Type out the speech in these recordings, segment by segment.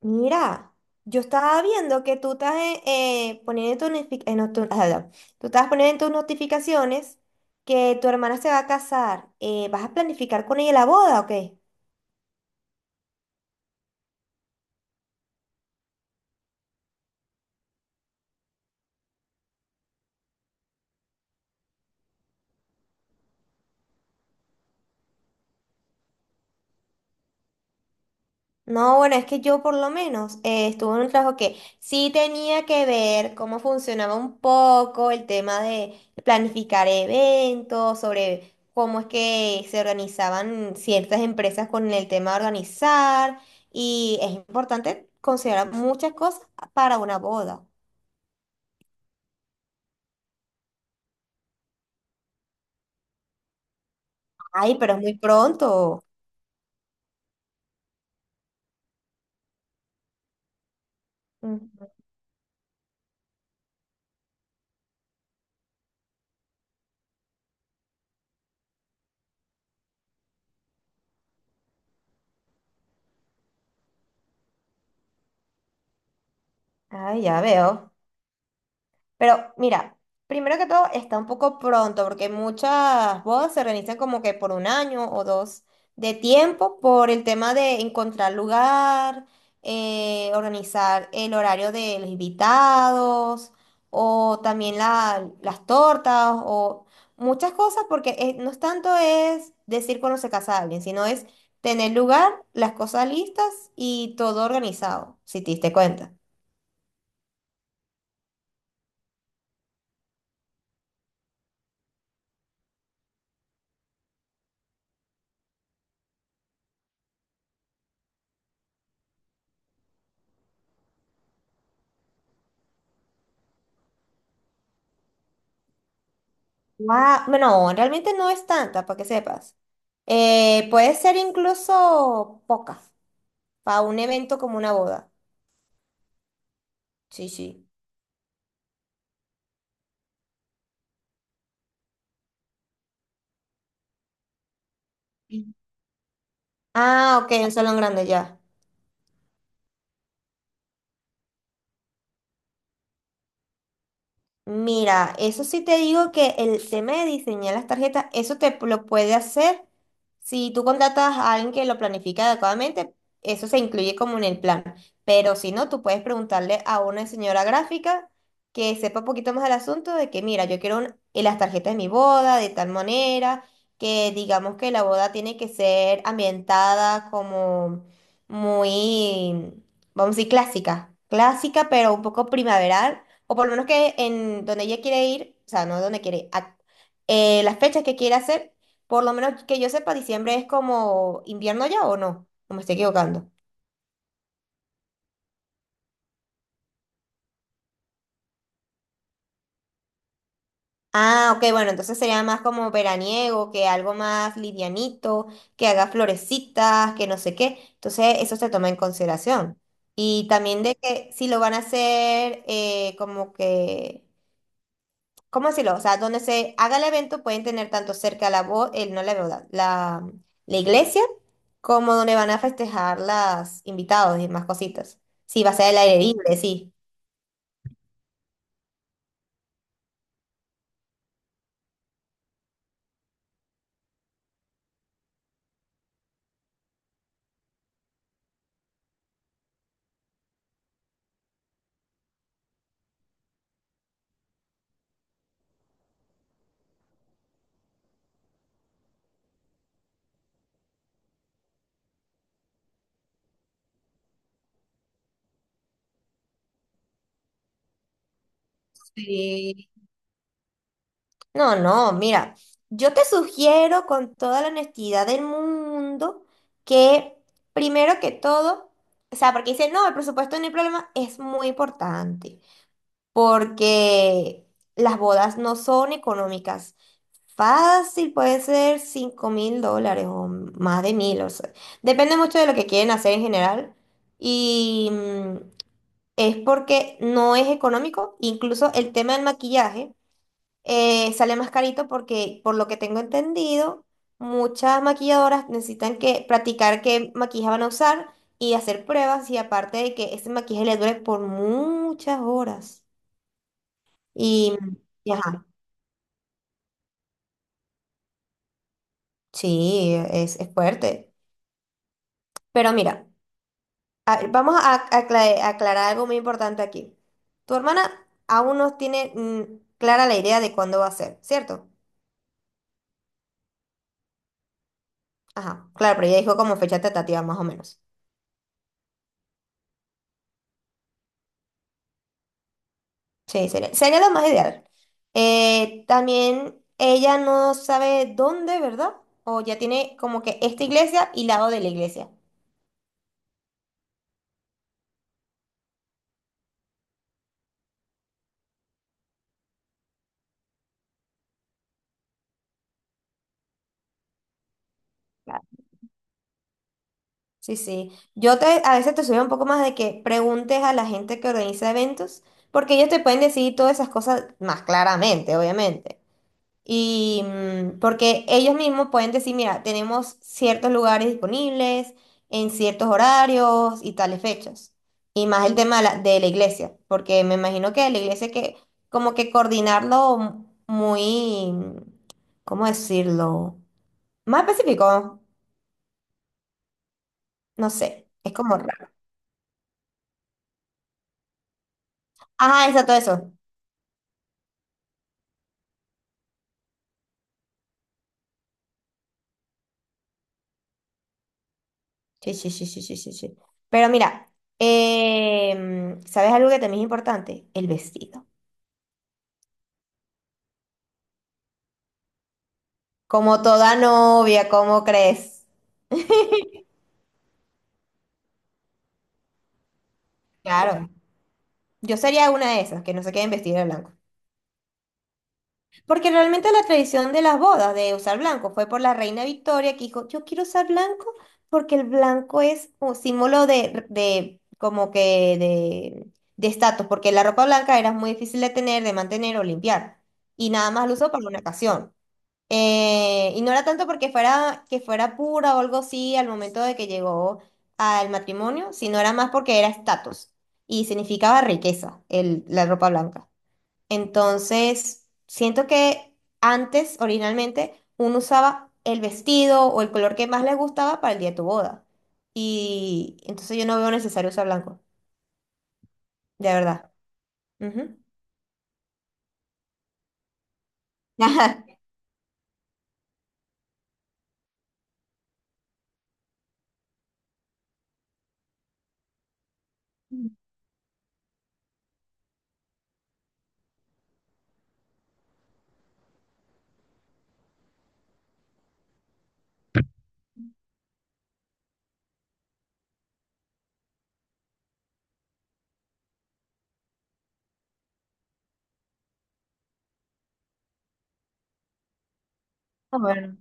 Mira, yo estaba viendo que tú estás poniendo en tu notifi- en notu- ah, no. Tú estabas poniendo en tus notificaciones que tu hermana se va a casar. ¿Vas a planificar con ella la boda o qué? No, bueno, es que yo por lo menos estuve en un trabajo que sí tenía que ver cómo funcionaba un poco el tema de planificar eventos, sobre cómo es que se organizaban ciertas empresas con el tema de organizar. Y es importante considerar muchas cosas para una boda. Ay, pero es muy pronto. Mm. Ay, ya veo. Pero mira, primero que todo está un poco pronto porque muchas bodas se organizan como que por un año o dos de tiempo por el tema de encontrar lugar, organizar el horario de los invitados o también las tortas o muchas cosas porque no es tanto es decir cuando se casa alguien, sino es tener lugar, las cosas listas y todo organizado, si te diste cuenta. Guau, no, realmente no es tanta, para que sepas. Puede ser incluso poca, para un evento como una boda. Sí, sí. Mm. Ah, ok, un salón grande ya. Mira, eso sí te digo que el tema de diseñar las tarjetas, eso te lo puede hacer si tú contratas a alguien que lo planifica adecuadamente, eso se incluye como en el plan. Pero si no, tú puedes preguntarle a una señora gráfica que sepa un poquito más del asunto de que, mira, yo quiero las tarjetas de mi boda de tal manera que digamos que la boda tiene que ser ambientada como muy, vamos a decir, clásica. Clásica, pero un poco primaveral o por lo menos que en donde ella quiere ir, o sea, no donde quiere, ir, las fechas que quiere hacer, por lo menos que yo sepa, diciembre es como invierno ya o no, o me estoy equivocando. Ah, ok, bueno, entonces sería más como veraniego, que algo más livianito, que haga florecitas, que no sé qué. Entonces eso se toma en consideración. Y también de que si lo van a hacer como que, ¿cómo decirlo? O sea, donde se haga el evento pueden tener tanto cerca el, no la boda, la iglesia, como donde van a festejar las invitados y más cositas. Sí, va a ser el aire libre, sí. Sí. No, no, mira, yo te sugiero con toda la honestidad del mundo que primero que todo, o sea, porque dicen, no, el presupuesto no hay problema, es muy importante, porque las bodas no son económicas. Fácil, puede ser $5.000 o más de 1.000, o sea, depende mucho de lo que quieren hacer en general. Y es porque no es económico, incluso el tema del maquillaje sale más carito porque, por lo que tengo entendido, muchas maquilladoras necesitan que practicar qué maquillaje van a usar y hacer pruebas y aparte de que ese maquillaje le dure por muchas horas. Y, mm, y ajá, sí, es fuerte. Pero mira. A ver, vamos a aclarar algo muy importante aquí. Tu hermana aún no tiene clara la idea de cuándo va a ser, ¿cierto? Ajá, claro, pero ella dijo como fecha tentativa más o menos. Sí, sería, sería lo más ideal. También ella no sabe dónde, ¿verdad? O ya tiene como que esta iglesia y lado de la iglesia. Claro. Sí, sí. Yo te, a veces te sugiero un poco más de que preguntes a la gente que organiza eventos, porque ellos te pueden decir todas esas cosas más claramente, obviamente. Y porque ellos mismos pueden decir, mira, tenemos ciertos lugares disponibles en ciertos horarios y tales fechas. Y más el tema de de la iglesia, porque me imagino que la iglesia hay que como que coordinarlo muy, ¿cómo decirlo? Más específico, no sé, es como raro. Ajá, exacto eso. Sí, sí, sí, sí, sí, sí, sí. Pero mira, ¿sabes algo que también es importante? El vestido. Como toda novia, ¿cómo crees? Claro, yo sería una de esas, que no se queden vestidas de blanco. Porque realmente la tradición de las bodas de usar blanco fue por la reina Victoria que dijo, yo quiero usar blanco porque el blanco es un símbolo de como que de estatus, porque la ropa blanca era muy difícil de tener, de mantener o limpiar. Y nada más lo usó para una ocasión. Y no era tanto porque fuera, que fuera pura o algo así al momento de que llegó al matrimonio, sino era más porque era estatus y significaba riqueza, el, la ropa blanca. Entonces, siento que antes, originalmente, uno usaba el vestido o el color que más le gustaba para el día de tu boda. Y entonces yo no veo necesario usar blanco, de verdad. Ujú. Ajá. Ah, bueno.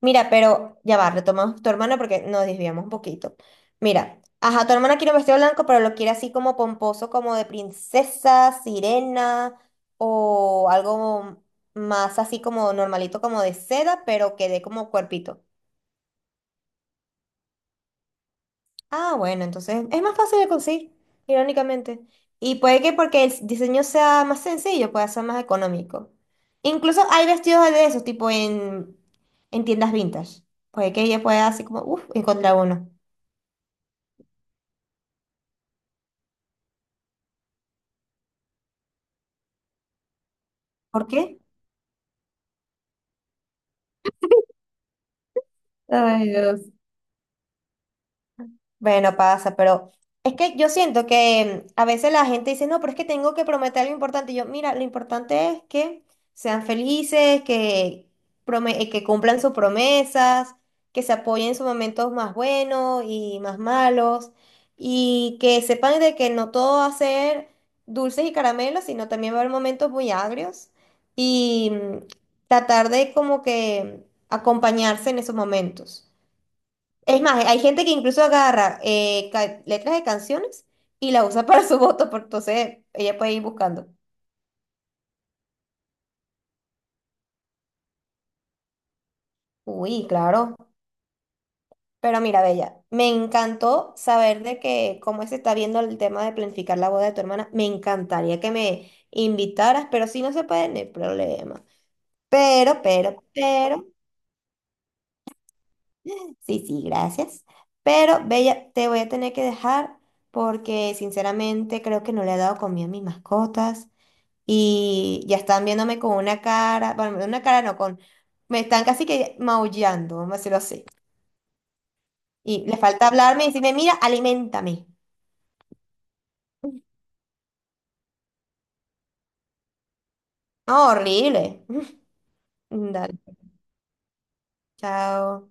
Mira, pero ya va, retomamos tu hermana porque nos desviamos un poquito. Mira, ajá, tu hermana quiere un vestido blanco, pero lo quiere así como pomposo, como de princesa, sirena o algo más así como normalito, como de seda, pero que dé como cuerpito. Ah, bueno, entonces es más fácil de conseguir, irónicamente. Y puede que porque el diseño sea más sencillo, pueda ser más económico. Incluso hay vestidos de esos, tipo en tiendas vintage. Puede que ella pueda así como, uff, encontrar uno. ¿Por qué? Ay, Dios. Bueno, pasa, pero es que yo siento que a veces la gente dice, no, pero es que tengo que prometer algo importante. Y yo, mira, lo importante es que sean felices, que cumplan sus promesas, que se apoyen en sus momentos más buenos y más malos, y que sepan de que no todo va a ser dulces y caramelos, sino también va a haber momentos muy agrios. Y tratar de como que acompañarse en esos momentos. Es más, hay gente que incluso agarra letras de canciones y la usa para su voto, porque entonces ella puede ir buscando. Uy, claro. Pero mira, Bella, me encantó saber de que cómo se está viendo el tema de planificar la boda de tu hermana. Me encantaría que me invitaras, pero si no se puede, no hay problema. Pero, sí, sí, gracias. Pero, Bella, te voy a tener que dejar porque sinceramente creo que no le he dado comida a mis mascotas. Y ya están viéndome con una cara, bueno, una cara no, con, me están casi que maullando, vamos a decirlo así. Y le falta hablarme y decirme, mira, aliméntame. No, horrible. Dale, chao.